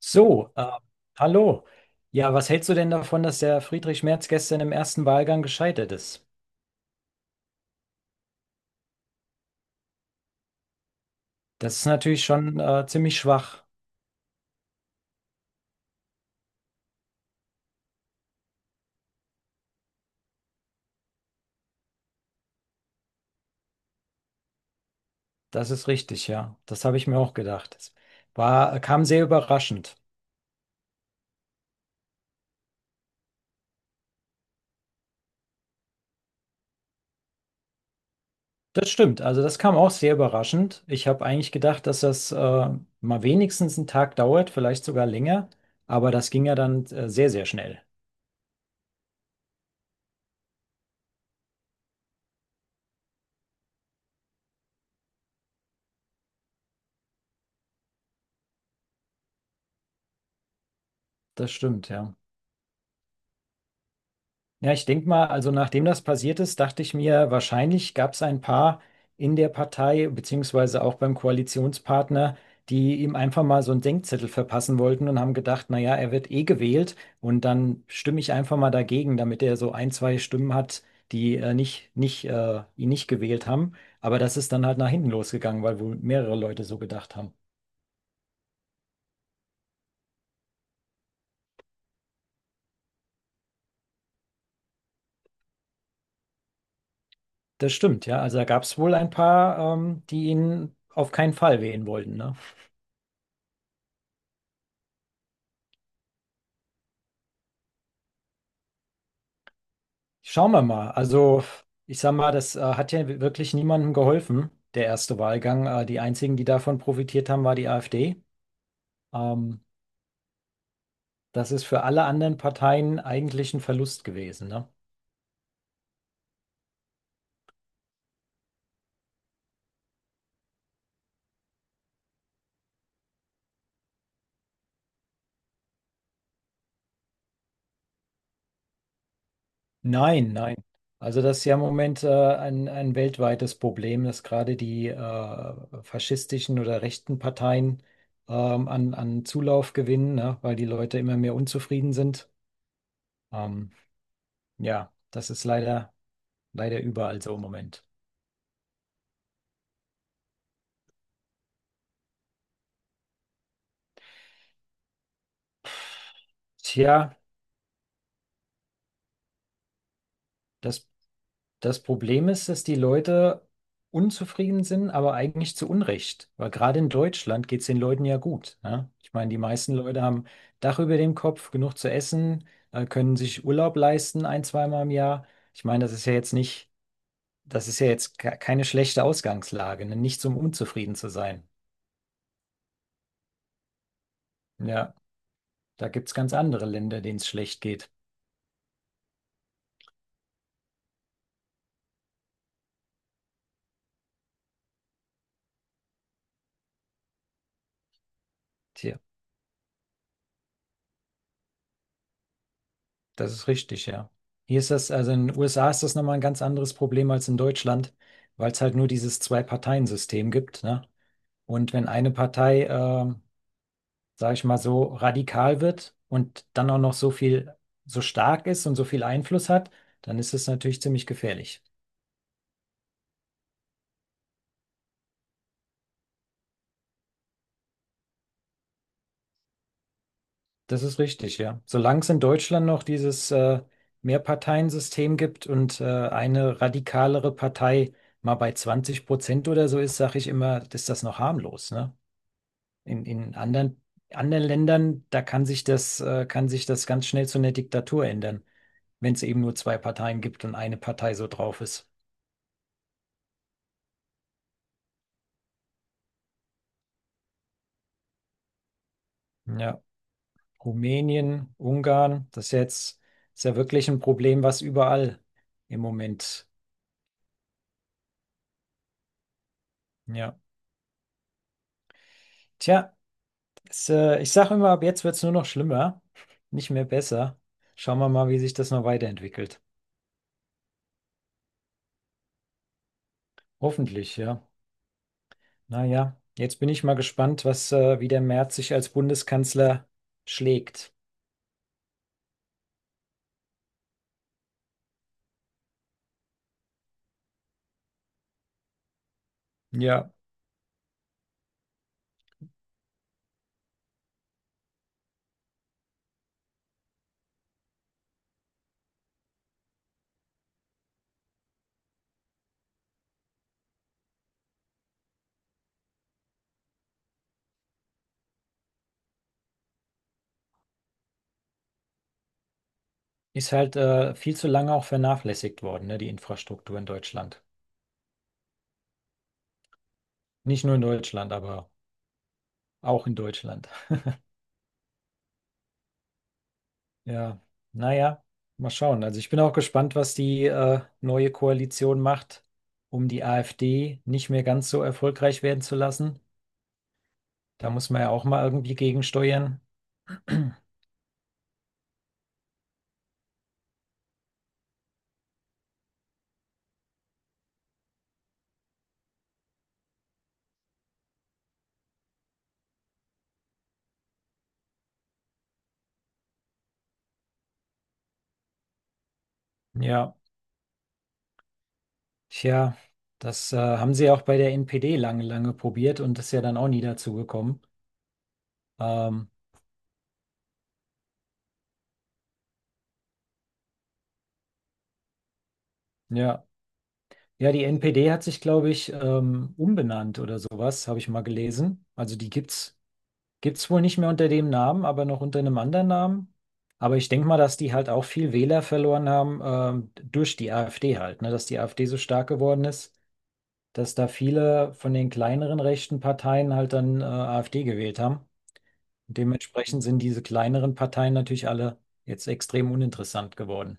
So, äh, Hallo. Ja, was hältst du denn davon, dass der Friedrich Merz gestern im ersten Wahlgang gescheitert ist? Das ist natürlich schon ziemlich schwach. Das ist richtig, ja. Das habe ich mir auch gedacht. Das war, kam sehr überraschend. Das stimmt, also das kam auch sehr überraschend. Ich habe eigentlich gedacht, dass das mal wenigstens einen Tag dauert, vielleicht sogar länger, aber das ging ja dann sehr, sehr schnell. Das stimmt, ja. Ja, ich denke mal, also nachdem das passiert ist, dachte ich mir, wahrscheinlich gab es ein paar in der Partei, beziehungsweise auch beim Koalitionspartner, die ihm einfach mal so einen Denkzettel verpassen wollten und haben gedacht, naja, er wird eh gewählt und dann stimme ich einfach mal dagegen, damit er so ein, zwei Stimmen hat, die nicht ihn nicht gewählt haben. Aber das ist dann halt nach hinten losgegangen, weil wohl mehrere Leute so gedacht haben. Das stimmt, ja. Also da gab es wohl ein paar, die ihn auf keinen Fall wählen wollten, ne? Schauen wir mal. Also, ich sag mal, das hat ja wirklich niemandem geholfen, der erste Wahlgang. Die einzigen, die davon profitiert haben, war die AfD. Ähm, Das ist für alle anderen Parteien eigentlich ein Verlust gewesen, ne? Nein, nein. Also, das ist ja im Moment ein weltweites Problem, dass gerade die faschistischen oder rechten Parteien an Zulauf gewinnen, ne? Weil die Leute immer mehr unzufrieden sind. Ähm, ja, das ist leider, leider überall so im Moment. Tja. Das, das Problem ist, dass die Leute unzufrieden sind, aber eigentlich zu Unrecht. Weil gerade in Deutschland geht es den Leuten ja gut. Ne? Ich meine, die meisten Leute haben Dach über dem Kopf, genug zu essen, können sich Urlaub leisten, ein, zweimal im Jahr. Ich meine, das ist ja jetzt nicht, das ist ja jetzt keine schlechte Ausgangslage, ne? Nichts, um unzufrieden zu sein. Ja, da gibt es ganz andere Länder, denen es schlecht geht. Tja. Das ist richtig, ja. Hier ist das, also in den USA ist das nochmal ein ganz anderes Problem als in Deutschland, weil es halt nur dieses Zwei-Parteien-System gibt, ne? Und wenn eine Partei, sage ich mal, so radikal wird und dann auch noch so viel, so stark ist und so viel Einfluss hat, dann ist es natürlich ziemlich gefährlich. Das ist richtig, ja. Solange es in Deutschland noch dieses Mehrparteiensystem gibt und eine radikalere Partei mal bei 20% oder so ist, sage ich immer, ist das noch harmlos, ne? In anderen, anderen Ländern, da kann sich das ganz schnell zu einer Diktatur ändern, wenn es eben nur zwei Parteien gibt und eine Partei so drauf ist. Ja, Rumänien, Ungarn, das ist ja jetzt ist ja wirklich ein Problem, was überall im Moment. Ja, tja, es, ich sage immer, ab jetzt wird es nur noch schlimmer, nicht mehr besser. Schauen wir mal, wie sich das noch weiterentwickelt. Hoffentlich, ja. Naja, jetzt bin ich mal gespannt, was, wie der Merz sich als Bundeskanzler schlägt. Ja, ist halt viel zu lange auch vernachlässigt worden, ne, die Infrastruktur in Deutschland. Nicht nur in Deutschland, aber auch in Deutschland. Ja, naja, mal schauen. Also ich bin auch gespannt, was die neue Koalition macht, um die AfD nicht mehr ganz so erfolgreich werden zu lassen. Da muss man ja auch mal irgendwie gegensteuern. Ja, tja, das haben sie ja auch bei der NPD lange, lange probiert und ist ja dann auch nie dazu gekommen. Ähm, ja. Ja, die NPD hat sich, glaube ich, umbenannt oder sowas, habe ich mal gelesen. Also die gibt's, gibt's wohl nicht mehr unter dem Namen, aber noch unter einem anderen Namen. Aber ich denke mal, dass die halt auch viel Wähler verloren haben, durch die AfD halt, ne? Dass die AfD so stark geworden ist, dass da viele von den kleineren rechten Parteien halt dann, AfD gewählt haben. Und dementsprechend sind diese kleineren Parteien natürlich alle jetzt extrem uninteressant geworden.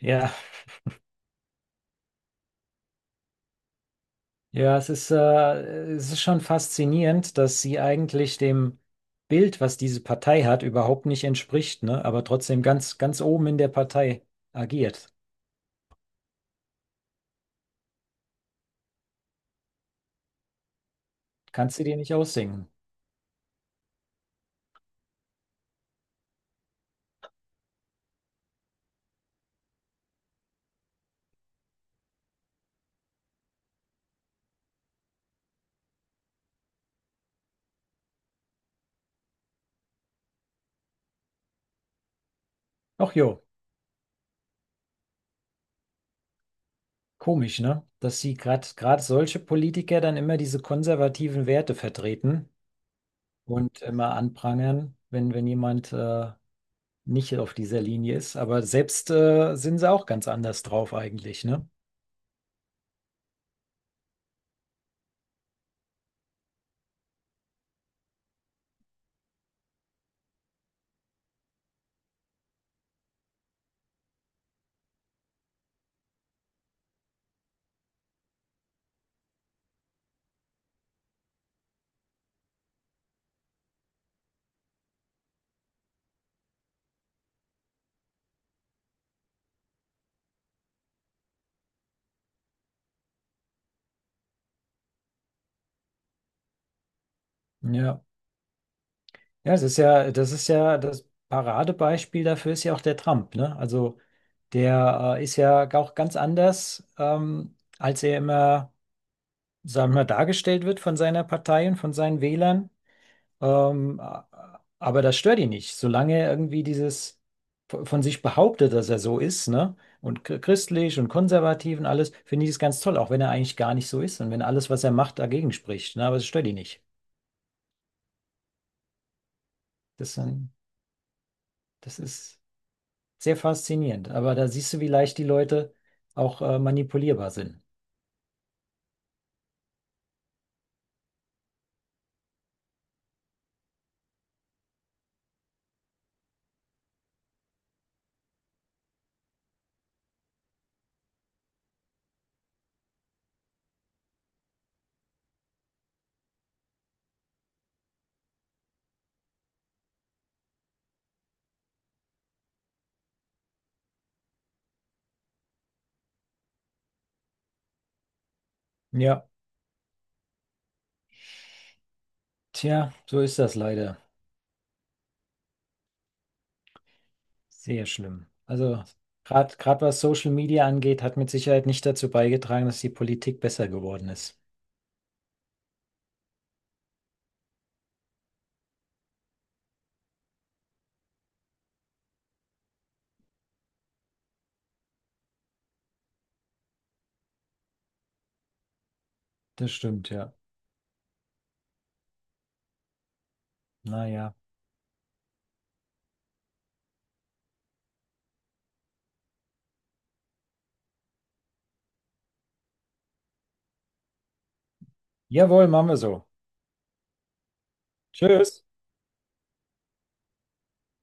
Ja, ja, es ist schon faszinierend, dass sie eigentlich dem Bild, was diese Partei hat, überhaupt nicht entspricht, ne? Aber trotzdem ganz, ganz oben in der Partei agiert. Kannst du dir nicht ausdenken. Ach jo, komisch, ne? Dass sie gerade gerade solche Politiker dann immer diese konservativen Werte vertreten und immer anprangern, wenn, wenn jemand nicht auf dieser Linie ist. Aber selbst sind sie auch ganz anders drauf eigentlich, ne? Ja. Ja, es ist ja das Paradebeispiel dafür ist ja auch der Trump, ne? Also der ist ja auch ganz anders, als er immer, sagen wir, mal, dargestellt wird von seiner Partei und von seinen Wählern. Ähm, a- aber das stört ihn nicht, solange er irgendwie dieses von sich behauptet, dass er so ist, ne? Und christlich und konservativ und alles, finde ich es ganz toll, auch wenn er eigentlich gar nicht so ist und wenn alles, was er macht, dagegen spricht, ne? Aber es stört ihn nicht. Das, ähm, das ist. Sehr faszinierend. Aber da siehst du, wie leicht die Leute auch manipulierbar sind. Ja, tja, so ist das leider. Sehr schlimm. Also gerade gerade was Social Media angeht, hat mit Sicherheit nicht dazu beigetragen, dass die Politik besser geworden ist. Das stimmt, ja. Naja. Jawohl, machen wir so. Tschüss.